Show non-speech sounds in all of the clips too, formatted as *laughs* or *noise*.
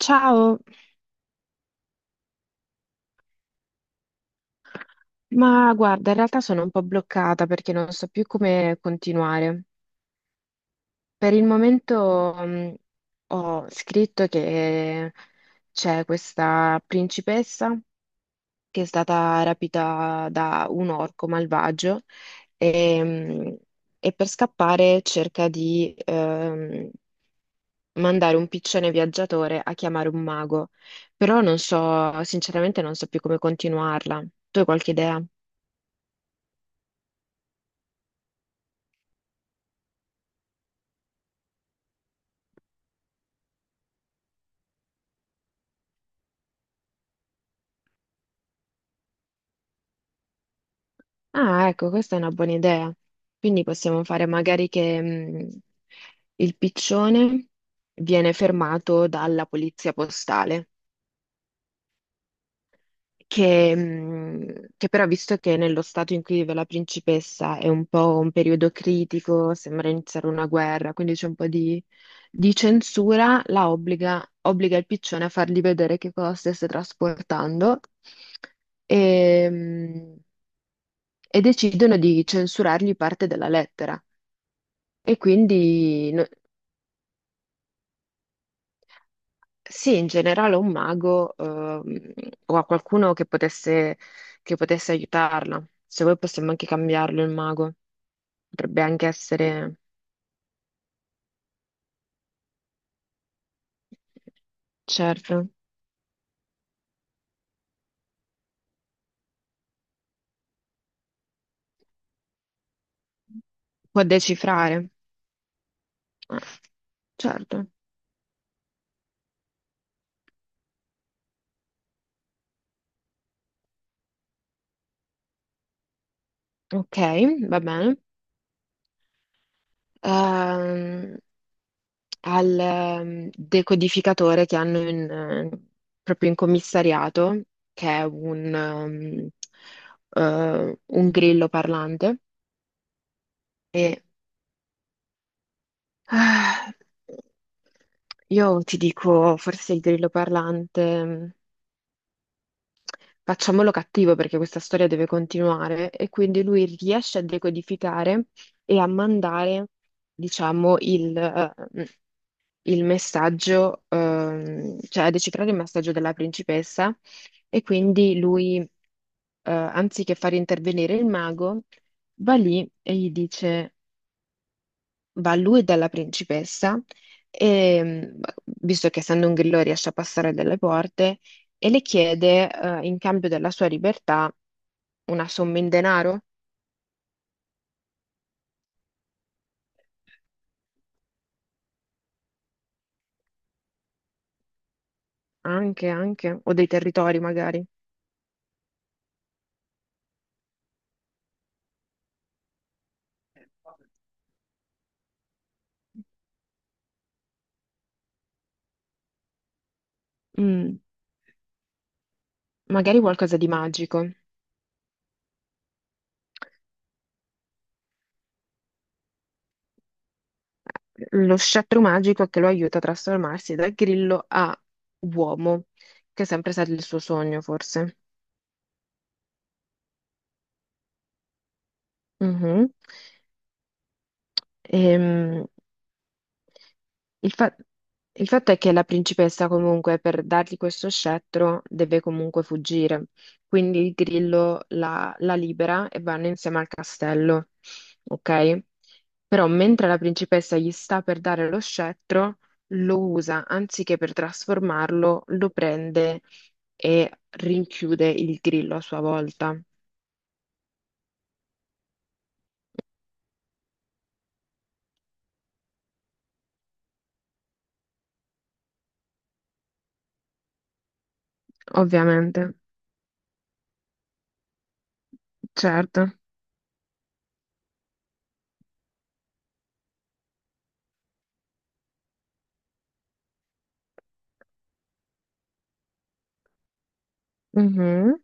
Ciao, ma guarda, in realtà sono un po' bloccata perché non so più come continuare. Per il momento ho scritto che c'è questa principessa che è stata rapita da un orco malvagio e e per scappare cerca di mandare un piccione viaggiatore a chiamare un mago, però non so, sinceramente non so più come continuarla. Tu hai qualche idea? Ah, ecco, questa è una buona idea. Quindi possiamo fare magari che il piccione viene fermato dalla polizia postale, che però visto che nello stato in cui vive la principessa è un po' un periodo critico, sembra iniziare una guerra, quindi c'è un po' di censura, la obbliga, obbliga il piccione a fargli vedere che cosa stesse trasportando e e decidono di censurargli parte della lettera. E quindi sì, in generale un mago o a qualcuno che potesse aiutarla. Se voi possiamo anche cambiarlo il mago, potrebbe anche essere, certo, può decifrare. Ah, certo, ok, va bene. Ehm, al decodificatore che hanno in, proprio in commissariato, che è un grillo parlante. E ah, io ti dico, forse il grillo parlante, facciamolo cattivo perché questa storia deve continuare e quindi lui riesce a decodificare e a mandare, diciamo, il il messaggio, cioè a decifrare il messaggio della principessa e quindi lui, anziché far intervenire il mago, va lì e gli dice... va a lui e dalla principessa, e visto che essendo un grillo riesce a passare delle porte, e le chiede, in cambio della sua libertà, una somma in denaro, anche, anche, o dei territori magari. Mm, magari qualcosa di magico. Lo scettro magico che lo aiuta a trasformarsi da grillo a uomo, che è sempre stato il suo sogno, forse. Mhm. Ehm, Il fa- il fatto è che la principessa comunque per dargli questo scettro deve comunque fuggire, quindi il grillo la libera e vanno insieme al castello, ok? Però mentre la principessa gli sta per dare lo scettro, lo usa, anziché per trasformarlo, lo prende e rinchiude il grillo a sua volta, ovviamente, certo. Mhm.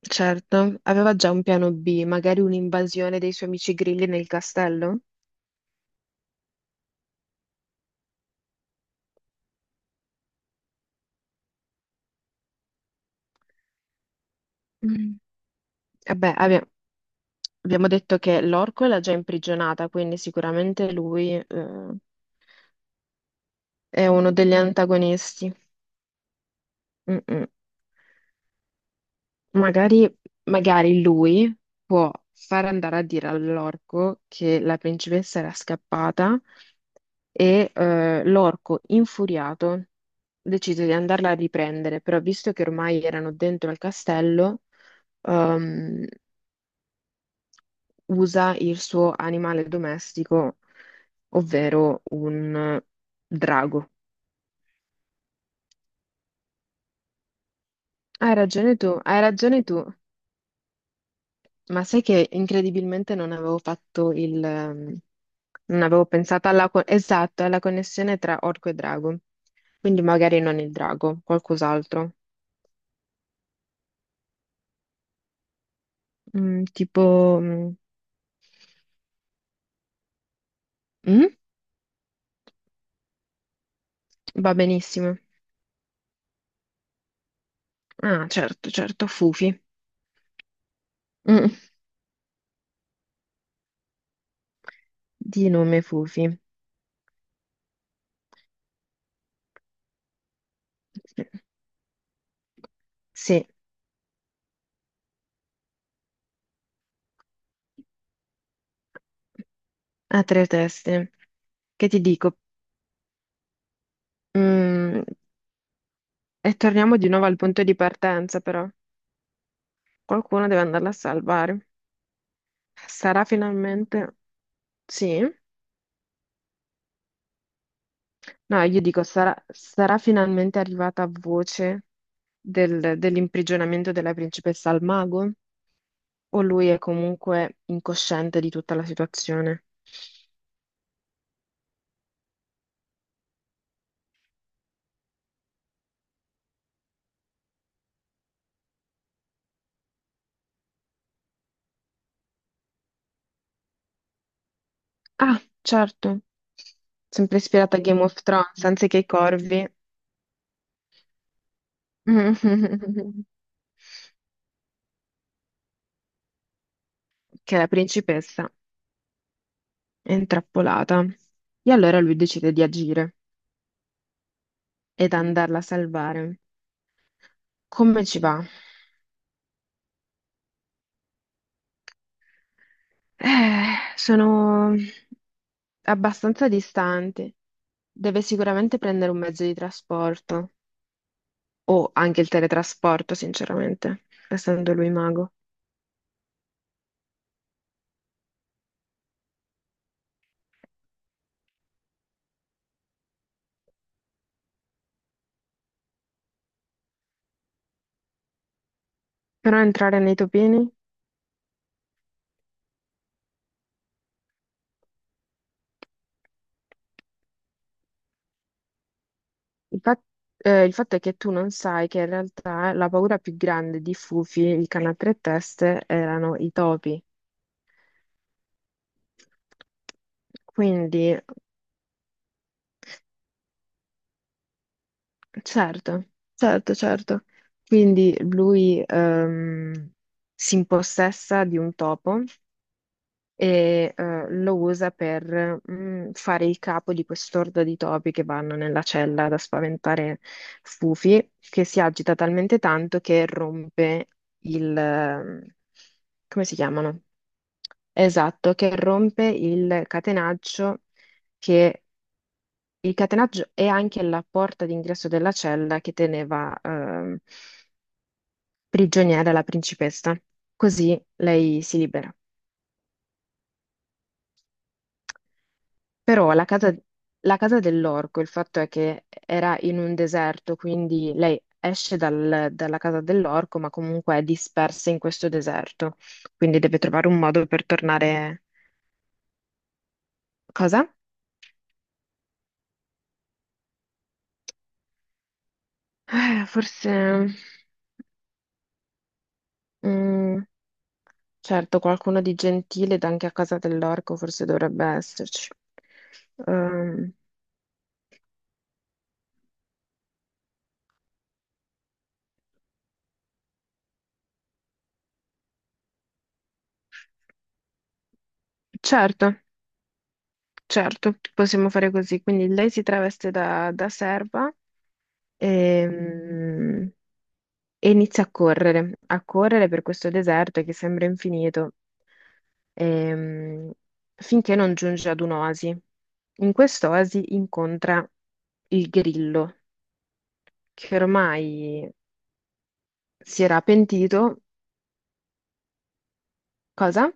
Certo, aveva già un piano B, magari un'invasione dei suoi amici grilli nel castello? Mm. Vabbè, abbiamo detto che l'orco l'ha già imprigionata, quindi sicuramente lui, è uno degli antagonisti. Mm-mm. Magari, magari lui può far andare a dire all'orco che la principessa era scappata e l'orco, infuriato, decise di andarla a riprendere, però visto che ormai erano dentro al castello, ehm, usa il suo animale domestico, ovvero un drago. Hai ragione tu, ma sai che incredibilmente non avevo fatto il... non avevo pensato alla, esatto, alla connessione tra orco e drago, quindi magari non il drago, qualcos'altro. Mm, tipo... mm, mm? Va benissimo. Ah, certo, certo, Fufi. Mm, di nome Fufi. Sì. A tre teste. Che ti dico? Mm, e torniamo di nuovo al punto di partenza, però. Qualcuno deve andarla a salvare. Sarà finalmente... Sì? No, io dico, sarà, sarà finalmente arrivata a voce dell'imprigionamento della principessa al mago? O lui è comunque incosciente di tutta la situazione? Ah, certo. Sempre ispirata a Game of Thrones, anziché ai corvi. *laughs* Che è la principessa è intrappolata. E allora lui decide di agire ed andarla a salvare. Come ci va? Sono abbastanza distanti. Deve sicuramente prendere un mezzo di trasporto o anche il teletrasporto, sinceramente, essendo lui mago. Però entrare nei topini? Il fa- il fatto è che tu non sai che in realtà la paura più grande di Fufi, il cane a tre teste, erano i topi. Quindi certo, certo, certo. Quindi lui si impossessa di un topo e lo usa per fare il capo di quest'orda di topi che vanno nella cella da spaventare Fufi, che si agita talmente tanto che rompe il... come si chiamano? Esatto, che rompe il catenaccio che il catenaggio è anche la porta d'ingresso della cella che teneva prigioniera la principessa, così lei si libera. Però la casa dell'orco, il fatto è che era in un deserto, quindi lei esce dalla casa dell'orco, ma comunque è dispersa in questo deserto, quindi deve trovare un modo per tornare. Cosa? Forse... mm, certo, qualcuno di gentile ed anche a casa dell'orco forse dovrebbe esserci. Ehm, certo, certo, possiamo fare così. Quindi lei si traveste da, da serva ehm, e, inizia a correre per questo deserto che sembra infinito, ehm, finché non giunge ad un'oasi. In quest'oasi incontra il grillo, che ormai si era pentito. Cosa?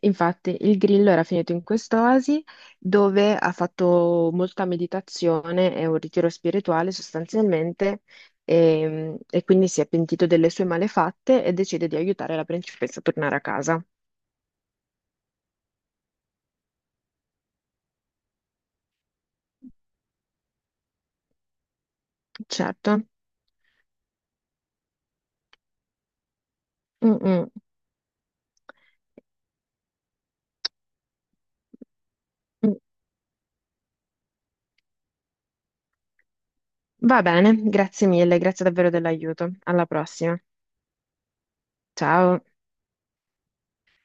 Infatti, il Grillo era finito in quest'oasi dove ha fatto molta meditazione e un ritiro spirituale sostanzialmente e quindi si è pentito delle sue malefatte e decide di aiutare la principessa a tornare a casa. Certo. Mm, mm, mm. Va bene, grazie mille, grazie davvero dell'aiuto. Alla prossima. Ciao.